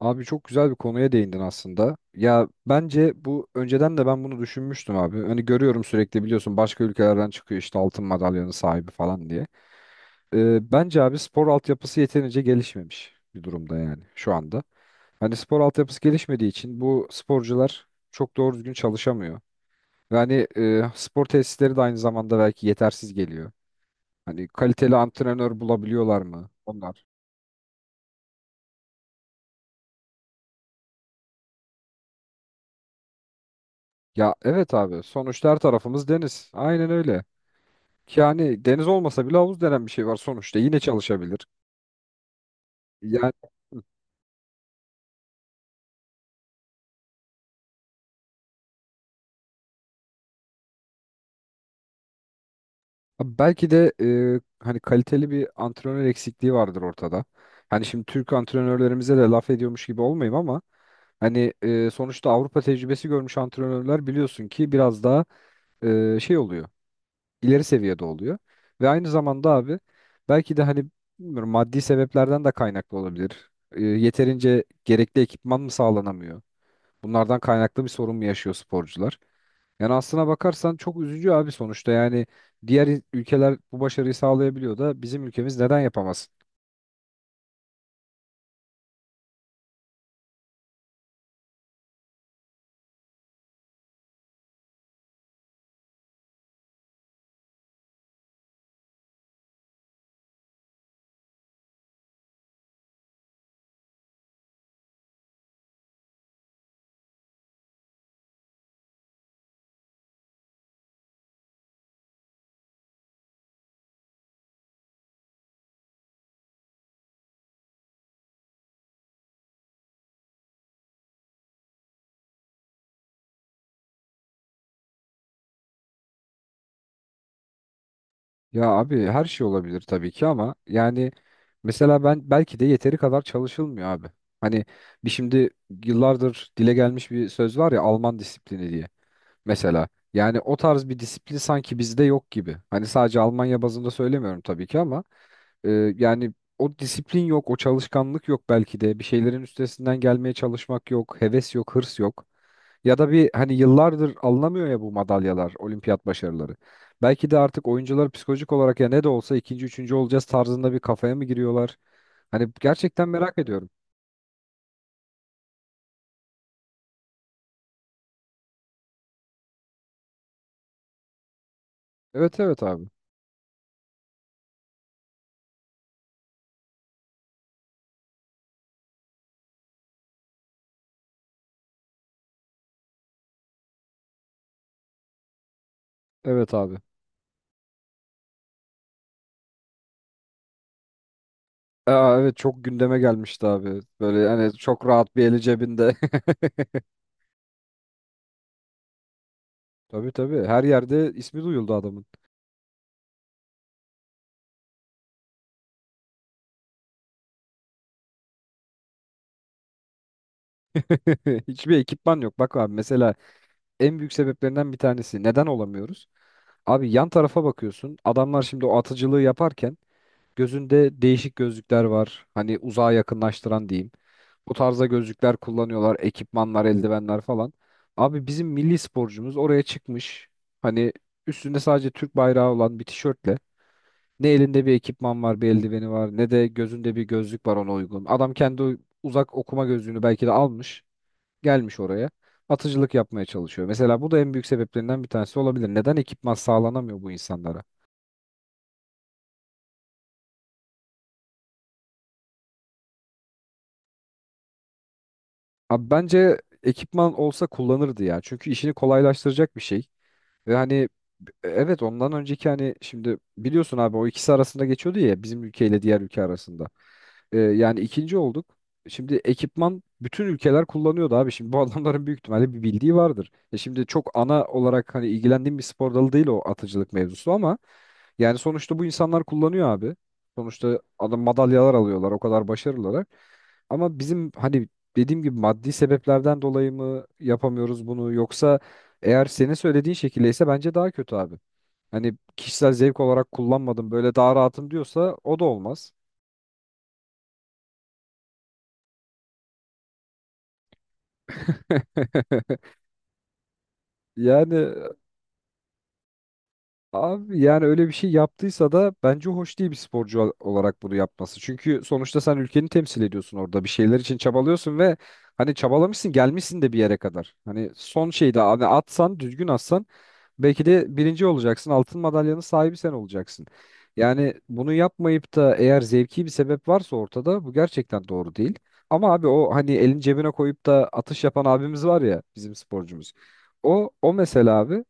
Abi çok güzel bir konuya değindin aslında. Ya bence bu önceden de ben bunu düşünmüştüm abi. Hani görüyorum sürekli biliyorsun başka ülkelerden çıkıyor işte altın madalyanın sahibi falan diye. Bence abi spor altyapısı yeterince gelişmemiş bir durumda yani şu anda. Hani spor altyapısı gelişmediği için bu sporcular çok doğru düzgün çalışamıyor. Yani spor tesisleri de aynı zamanda belki yetersiz geliyor. Hani kaliteli antrenör bulabiliyorlar mı onlar? Ya evet abi sonuçta her tarafımız deniz. Aynen öyle. Yani deniz olmasa bile havuz denen bir şey var sonuçta. Yine çalışabilir. Yani. Hı. Belki de hani kaliteli bir antrenör eksikliği vardır ortada. Hani şimdi Türk antrenörlerimize de laf ediyormuş gibi olmayayım ama hani sonuçta Avrupa tecrübesi görmüş antrenörler biliyorsun ki biraz daha şey oluyor, ileri seviyede oluyor. Ve aynı zamanda abi belki de hani bilmiyorum maddi sebeplerden de kaynaklı olabilir. Yeterince gerekli ekipman mı sağlanamıyor? Bunlardan kaynaklı bir sorun mu yaşıyor sporcular? Yani aslına bakarsan çok üzücü abi sonuçta. Yani diğer ülkeler bu başarıyı sağlayabiliyor da bizim ülkemiz neden yapamasın? Ya abi her şey olabilir tabii ki ama yani mesela ben belki de yeteri kadar çalışılmıyor abi. Hani şimdi yıllardır dile gelmiş bir söz var ya Alman disiplini diye. Mesela yani o tarz bir disiplin sanki bizde yok gibi. Hani sadece Almanya bazında söylemiyorum tabii ki ama e, yani o disiplin yok, o çalışkanlık yok belki de. Bir şeylerin üstesinden gelmeye çalışmak yok, heves yok, hırs yok. Ya da bir hani yıllardır alınamıyor ya bu madalyalar, olimpiyat başarıları. Belki de artık oyuncular psikolojik olarak ya ne de olsa ikinci, üçüncü olacağız tarzında bir kafaya mı giriyorlar? Hani gerçekten merak ediyorum. Evet evet abi. Evet abi. Aa, evet çok gündeme gelmişti abi. Böyle hani çok rahat bir eli cebinde. Tabii tabii her yerde ismi duyuldu adamın. Hiçbir ekipman yok. Bak abi mesela en büyük sebeplerinden bir tanesi neden olamıyoruz? Abi yan tarafa bakıyorsun. Adamlar şimdi o atıcılığı yaparken gözünde değişik gözlükler var. Hani uzağa yakınlaştıran diyeyim. Bu tarzda gözlükler kullanıyorlar, ekipmanlar, eldivenler falan. Abi bizim milli sporcumuz oraya çıkmış. Hani üstünde sadece Türk bayrağı olan bir tişörtle. Ne elinde bir ekipman var, bir eldiveni var, ne de gözünde bir gözlük var ona uygun. Adam kendi uzak okuma gözlüğünü belki de almış, gelmiş oraya. Atıcılık yapmaya çalışıyor. Mesela bu da en büyük sebeplerinden bir tanesi olabilir. Neden ekipman sağlanamıyor bu insanlara? Abi bence ekipman olsa kullanırdı ya. Çünkü işini kolaylaştıracak bir şey. Ve hani evet ondan önceki hani şimdi biliyorsun abi o ikisi arasında geçiyordu ya bizim ülkeyle diğer ülke arasında. Yani ikinci olduk. Şimdi ekipman bütün ülkeler kullanıyordu abi. Şimdi bu adamların büyük ihtimalle bir bildiği vardır. Şimdi çok ana olarak hani ilgilendiğim bir spor dalı değil o atıcılık mevzusu ama yani sonuçta bu insanlar kullanıyor abi. Sonuçta adam madalyalar alıyorlar o kadar başarılılar. Ama bizim hani dediğim gibi maddi sebeplerden dolayı mı yapamıyoruz bunu yoksa eğer senin söylediğin şekildeyse bence daha kötü abi. Hani kişisel zevk olarak kullanmadım böyle daha rahatım diyorsa o da olmaz. Yani abi yani öyle bir şey yaptıysa da bence hoş değil bir sporcu olarak bunu yapması. Çünkü sonuçta sen ülkeni temsil ediyorsun orada. Bir şeyler için çabalıyorsun ve hani çabalamışsın, gelmişsin de bir yere kadar. Hani son şeyde hani atsan, düzgün atsan belki de birinci olacaksın. Altın madalyanın sahibi sen olacaksın. Yani bunu yapmayıp da eğer zevki bir sebep varsa ortada bu gerçekten doğru değil. Ama abi o hani elin cebine koyup da atış yapan abimiz var ya bizim sporcumuz. O mesela abi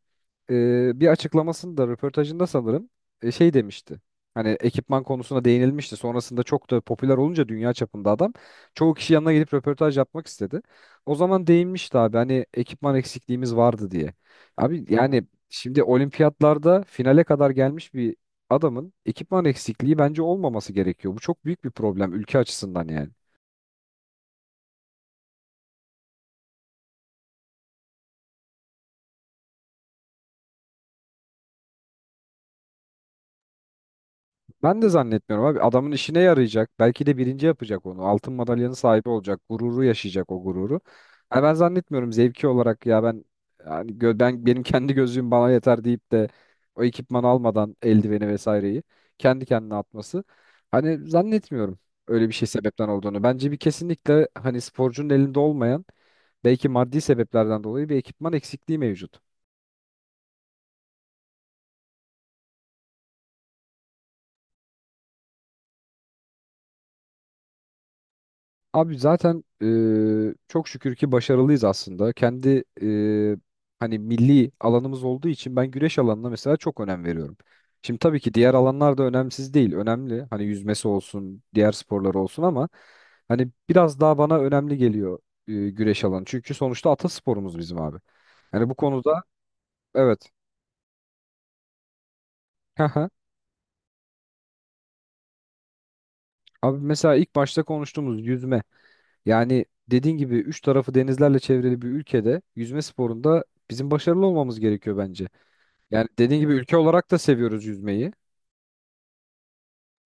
bir açıklamasında röportajında sanırım şey demişti. Hani ekipman konusuna değinilmişti. Sonrasında çok da popüler olunca dünya çapında adam çoğu kişi yanına gelip röportaj yapmak istedi. O zaman değinmişti abi hani ekipman eksikliğimiz vardı diye. Abi yani şimdi olimpiyatlarda finale kadar gelmiş bir adamın ekipman eksikliği bence olmaması gerekiyor. Bu çok büyük bir problem ülke açısından yani. Ben de zannetmiyorum abi. Adamın işine yarayacak. Belki de birinci yapacak onu. Altın madalyanın sahibi olacak. Gururu yaşayacak o gururu. Hani ben zannetmiyorum zevki olarak ya ben yani ben benim kendi gözlüğüm bana yeter deyip de o ekipmanı almadan eldiveni vesaireyi kendi kendine atması. Hani zannetmiyorum öyle bir şey sebepten olduğunu. Bence kesinlikle hani sporcunun elinde olmayan belki maddi sebeplerden dolayı bir ekipman eksikliği mevcut. Abi zaten çok şükür ki başarılıyız aslında. Kendi hani milli alanımız olduğu için ben güreş alanına mesela çok önem veriyorum. Şimdi tabii ki diğer alanlar da önemsiz değil. Önemli. Hani yüzmesi olsun, diğer sporlar olsun ama hani biraz daha bana önemli geliyor güreş alanı. Çünkü sonuçta atasporumuz bizim abi. Yani bu konuda evet. Hı hı. Abi mesela ilk başta konuştuğumuz yüzme. Yani dediğin gibi üç tarafı denizlerle çevrili bir ülkede yüzme sporunda bizim başarılı olmamız gerekiyor bence. Yani dediğin gibi ülke olarak da seviyoruz yüzmeyi.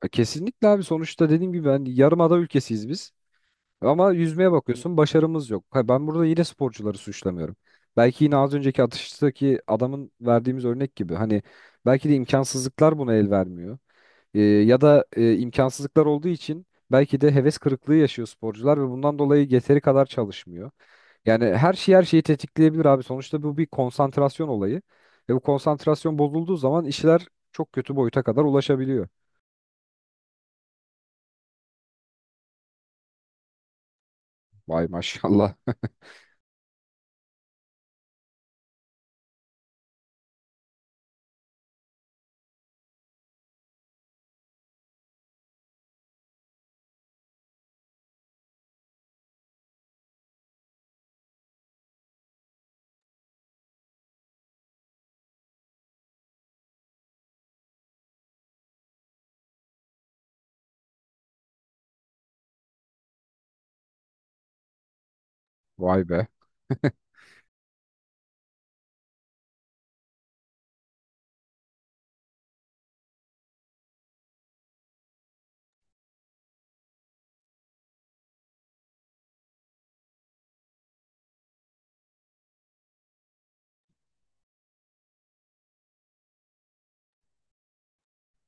Kesinlikle abi sonuçta dediğim gibi yarımada ülkesiyiz biz. Ama yüzmeye bakıyorsun başarımız yok. Ha, ben burada yine sporcuları suçlamıyorum. Belki yine az önceki atıştaki adamın verdiğimiz örnek gibi. Hani belki de imkansızlıklar buna el vermiyor. Ya da imkansızlıklar olduğu için belki de heves kırıklığı yaşıyor sporcular ve bundan dolayı yeteri kadar çalışmıyor. Yani her şey her şeyi tetikleyebilir abi. Sonuçta bu bir konsantrasyon olayı. Ve bu konsantrasyon bozulduğu zaman işler çok kötü boyuta kadar ulaşabiliyor. Vay maşallah. Vay be.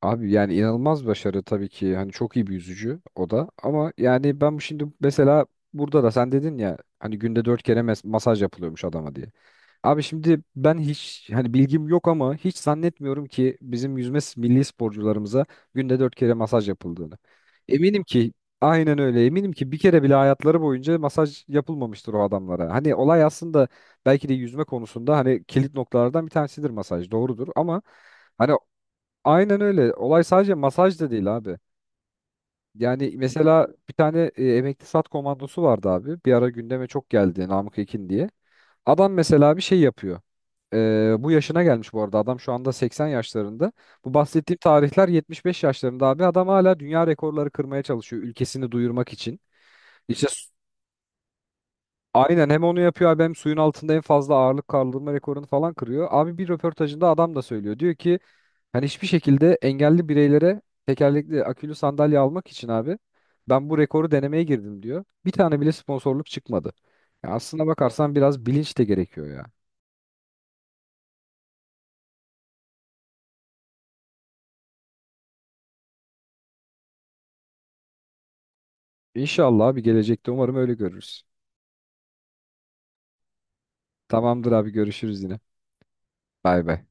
Abi yani inanılmaz başarı tabii ki. Hani çok iyi bir yüzücü o da. Ama yani ben bu şimdi mesela burada da sen dedin ya hani günde dört kere masaj yapılıyormuş adama diye. Abi şimdi ben hiç hani bilgim yok ama hiç zannetmiyorum ki bizim yüzme milli sporcularımıza günde dört kere masaj yapıldığını. Eminim ki aynen öyle eminim ki bir kere bile hayatları boyunca masaj yapılmamıştır o adamlara. Hani olay aslında belki de yüzme konusunda hani kilit noktalardan bir tanesidir masaj doğrudur ama hani aynen öyle olay sadece masaj da değil abi. Yani mesela bir tane emekli sat komandosu vardı abi. Bir ara gündeme çok geldi Namık Ekin diye. Adam mesela bir şey yapıyor. Bu yaşına gelmiş bu arada. Adam şu anda 80 yaşlarında. Bu bahsettiğim tarihler 75 yaşlarında abi. Adam hala dünya rekorları kırmaya çalışıyor ülkesini duyurmak için. İşte aynen hem onu yapıyor abi hem suyun altında en fazla ağırlık kaldırma rekorunu falan kırıyor. Abi bir röportajında adam da söylüyor. Diyor ki hani hiçbir şekilde engelli bireylere tekerlekli akülü sandalye almak için abi ben bu rekoru denemeye girdim diyor. Bir tane bile sponsorluk çıkmadı. Ya aslına bakarsan biraz bilinç de gerekiyor ya. İnşallah bir gelecekte umarım öyle görürüz. Tamamdır abi görüşürüz yine. Bay bay.